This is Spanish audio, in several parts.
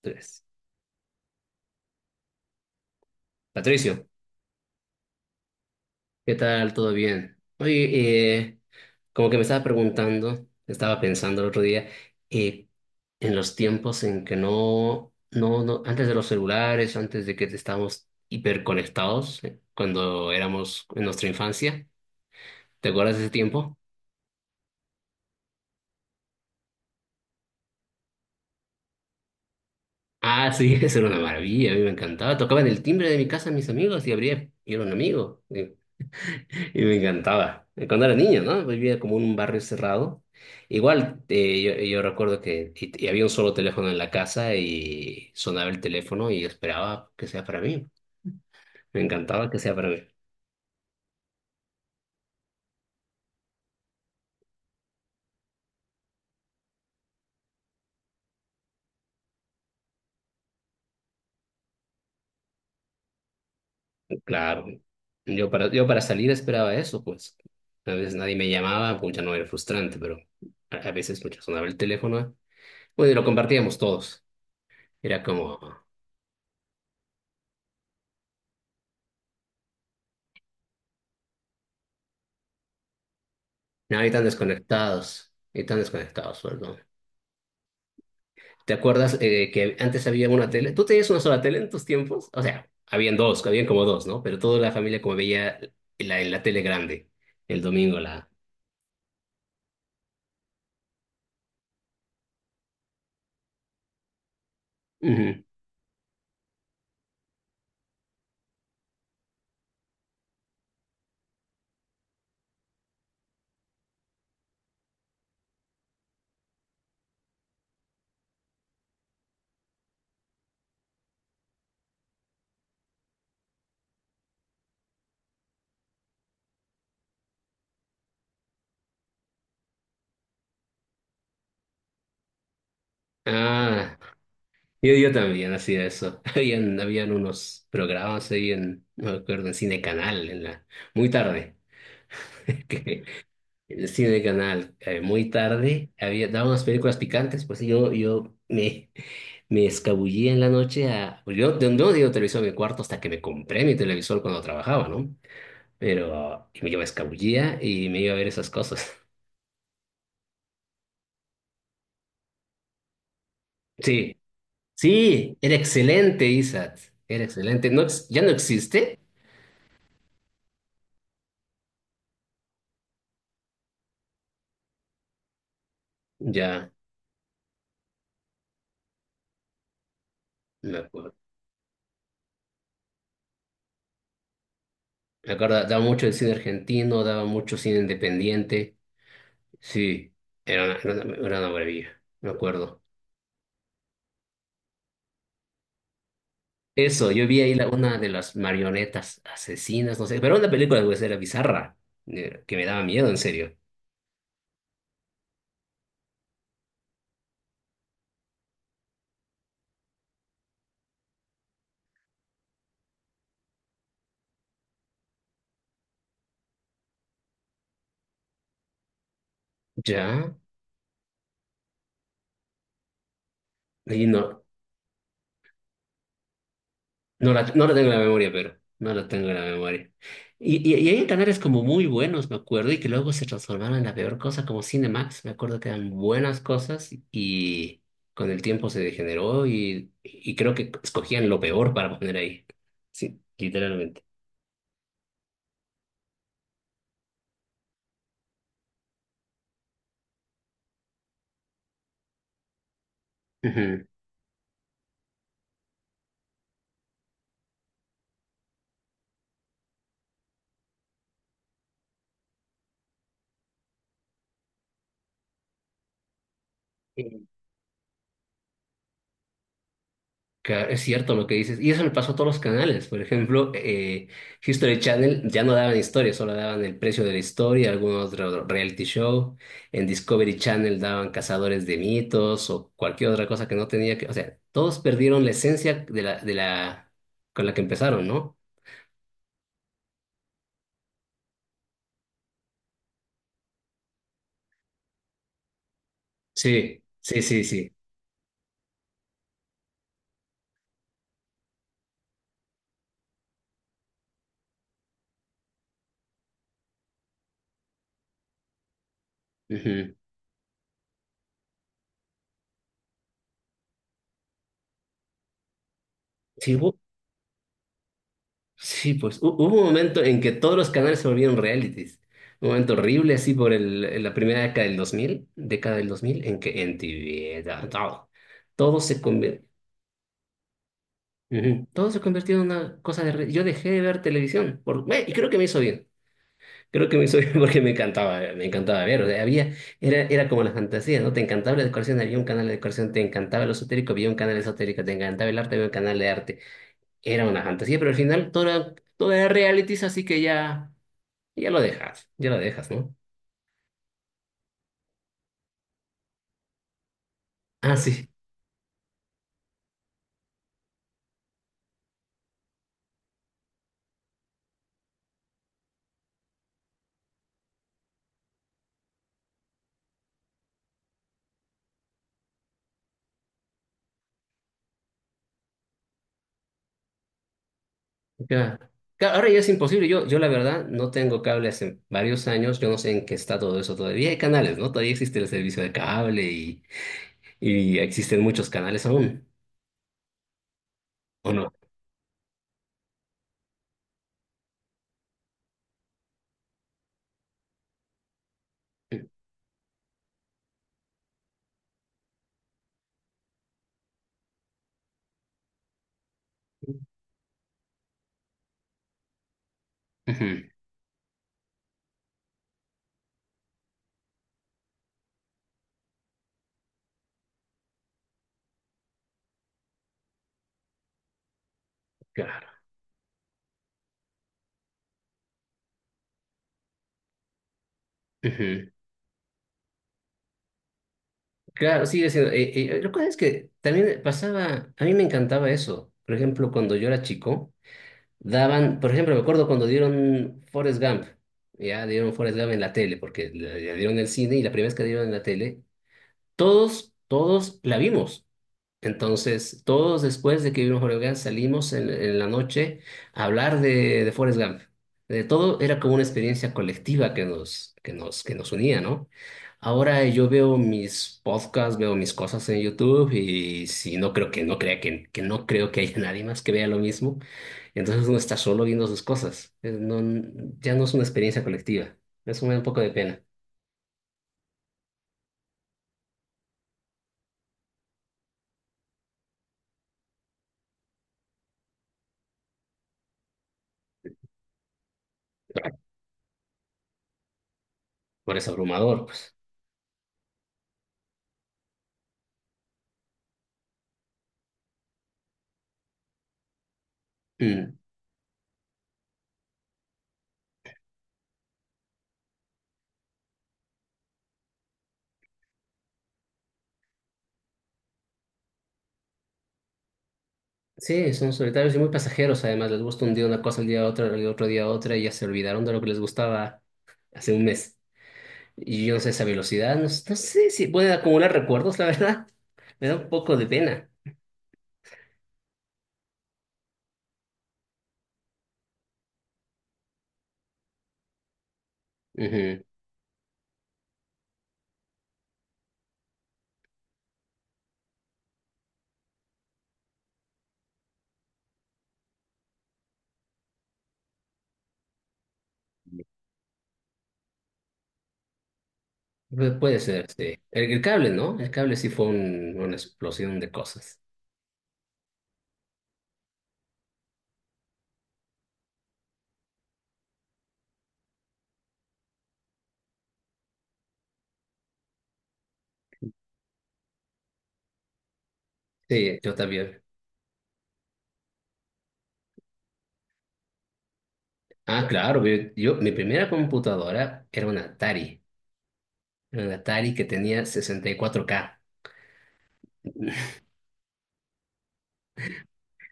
Tres. Patricio, ¿qué tal? ¿Todo bien? Oye, como que me estaba preguntando, estaba pensando el otro día, eh, en los tiempos en que no, antes de los celulares, antes de que estábamos hiperconectados, cuando éramos en nuestra infancia, ¿te acuerdas de ese tiempo? Ah, sí, eso era una maravilla, a mí me encantaba. Tocaban el timbre de mi casa mis amigos y abría, y era un amigo. Y me encantaba. Cuando era niño, ¿no? Vivía como en un barrio cerrado. Igual, yo recuerdo que y había un solo teléfono en la casa y sonaba el teléfono y esperaba que sea para mí. Me encantaba que sea para mí. Claro. Yo para salir esperaba eso, pues. A veces nadie me llamaba, pues ya no era frustrante, pero a veces mucho sonaba el teléfono. Bueno, y lo compartíamos todos. Era como, no, y tan desconectados, pues. ¿Te acuerdas que antes había una tele? ¿Tú tenías una sola tele en tus tiempos? O sea, habían dos, habían como dos, ¿no? Pero toda la familia como veía la tele grande, el domingo la... Ujú. Ah, yo también hacía eso. Habían unos programas ahí en, no me acuerdo, en Cine Canal, en la, muy tarde. Que el Cine Canal, muy tarde, había, daban unas películas picantes, pues sí, me escabullía en la noche a... pues, Yo no digo televisor en mi cuarto hasta que me compré mi televisor cuando trabajaba, ¿no? Pero yo me escabullía y me iba a ver esas cosas. Sí, sí, era excelente, Isaac, era excelente. No, ¿ya no existe? Ya, me acuerdo. Me acuerdo, daba mucho el cine argentino, daba mucho cine independiente. Sí, era una maravilla, me acuerdo. Eso, yo vi ahí una de las marionetas asesinas, no sé, pero era una película de era bizarra, que me daba miedo, en serio. Ya, y no, no la tengo en la memoria, pero no la tengo en la memoria. Y hay canales como muy buenos, me acuerdo, y que luego se transformaron en la peor cosa, como Cinemax, me acuerdo que eran buenas cosas y con el tiempo se degeneró y creo que escogían lo peor para poner ahí. Sí, literalmente. Ujú. Claro, es cierto lo que dices. Y eso le pasó a todos los canales. Por ejemplo, History Channel ya no daban historia, solo daban el precio de la historia, algún otro reality show. En Discovery Channel daban cazadores de mitos o cualquier otra cosa que no tenía que... O sea, todos perdieron la esencia de la con la que empezaron, ¿no? Sí, sí, sí, sí. Ujú. Sí, hubo. Sí, pues hubo un momento en que todos los canales se volvieron realities. Un momento horrible, así por el, en la primera década del 2000, década del 2000, en que MTV, todo, todo se convirtió, todo se convirtió en una cosa de... Yo dejé de ver televisión, y creo que me hizo bien. Creo que me hizo bien porque me encantaba ver. O sea, había, era como la fantasía, ¿no? Te encantaba la decoración, había un canal de decoración, te encantaba lo esotérico, había un canal esotérico, te encantaba el arte, había un canal de arte. Era una fantasía, pero al final todo era realities, así que ya... Y ya lo dejas, ya lo dejas, ¿no? Ah, sí. Ya. Ahora ya es imposible. Yo la verdad no tengo cable hace varios años. Yo no sé en qué está todo eso todavía. Hay canales, ¿no? Todavía existe el servicio de cable y existen muchos canales aún, ¿o no? Ujú, claro, ujú. Claro, sigue siendo. Lo que es que también pasaba, a mí me encantaba eso. Por ejemplo, cuando yo era chico. Daban, por ejemplo, me acuerdo cuando dieron Forrest Gump, ya dieron Forrest Gump en la tele, porque la dieron en el cine y la primera vez que dieron en la tele, todos la vimos. Entonces, todos después de que vimos Forrest Gump salimos en la noche a hablar de Forrest Gump. De todo era como una experiencia colectiva que que nos unía, ¿no? Ahora yo veo mis podcasts, veo mis cosas en YouTube y si no creo que no crea que no creo que haya nadie más que vea lo mismo, entonces uno está solo viendo sus cosas. No, ya no es una experiencia colectiva. Eso me da un poco de pena. Por eso abrumador, pues. Mm. Sí, son solitarios y muy pasajeros, además. Les gusta un día una cosa, el día otra, el otro día otra, y ya se olvidaron de lo que les gustaba hace un mes. Y yo no sé esa velocidad, no sé si pueden acumular recuerdos, la verdad. Me da un poco de pena. Ujú. Puede ser, sí. El cable, ¿no? El cable sí fue una explosión de cosas. Sí, yo también. Ah, claro, mi primera computadora era una Atari. Era una Atari que tenía 64K.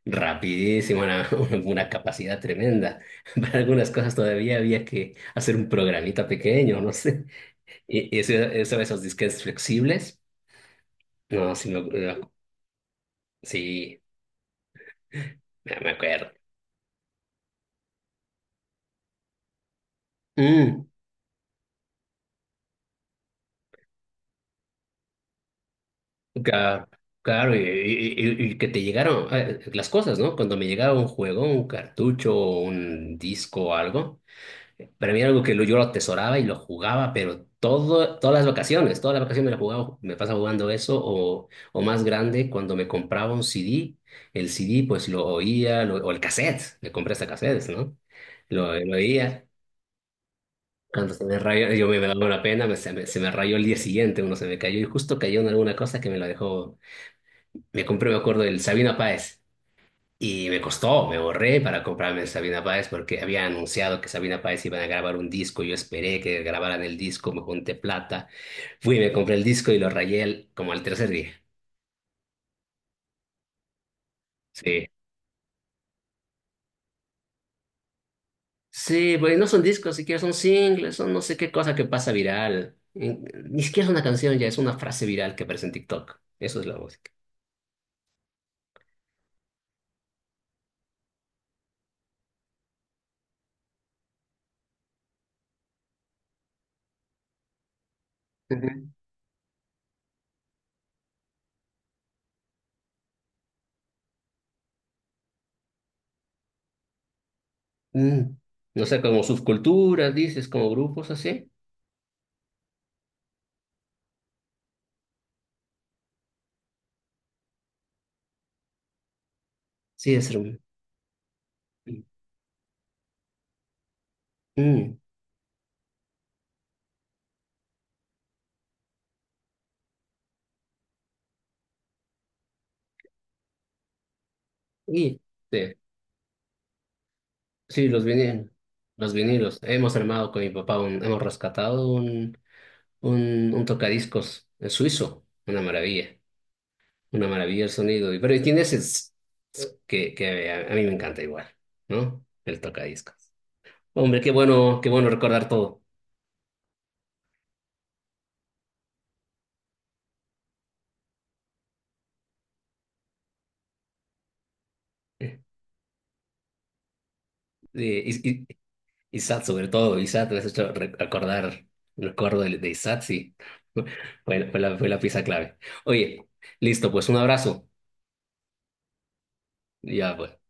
Rapidísimo, una, una capacidad tremenda. Para algunas cosas todavía había que hacer un programita pequeño, no sé. Y eso, esos disquetes flexibles, no, sí, me- no, sí, me me acuerdo. Mm, ca- claro, y que te llegaron las cosas, ¿no? Cuando me llegaba un juego, un cartucho, un disco o algo. Para mí era algo que yo lo atesoraba y lo jugaba, pero todo, todas las vacaciones me la jugaba, me pasa jugando eso, o más grande, cuando me compraba un CD, el CD pues lo oía, o el cassette, me compré hasta cassettes, ¿no? Lo oía. Cuando se me rayó, me daba una pena, se me rayó el día siguiente, uno se me cayó y justo cayó en alguna cosa que me la dejó. Me compré, me acuerdo, el Sabino Páez. Y me costó, me borré para comprarme Sabina Páez porque había anunciado que Sabina Páez iban a grabar un disco. Yo esperé que grabaran el disco, me junté plata. Fui, me compré el disco y lo rayé como al tercer día. Sí. Sí, pues no son discos siquiera, son singles, son no sé qué cosa que pasa viral. Ni siquiera es una canción ya, es una frase viral que aparece en TikTok. Eso es la música. Ujú. Mm. No sé, como subculturas, dices, como grupos así. Sí, es un... Mm. Y- Sí. Sí, los vinilos. Los vinilos. Hemos armado con mi papá un, hemos rescatado un, un tocadiscos suizo. Una maravilla. Una maravilla el sonido. Y- Pero tiene ese tss, tss que a mí me encanta igual, ¿no? El tocadiscos. Hombre, qué bueno recordar todo. Eh, y, y- Isaac, sobre todo, Isaac, me has hecho recordar, recuerdo de Isaac, sí. Fue, fue la pieza clave. Oye, listo, pues un abrazo. Ya, pues.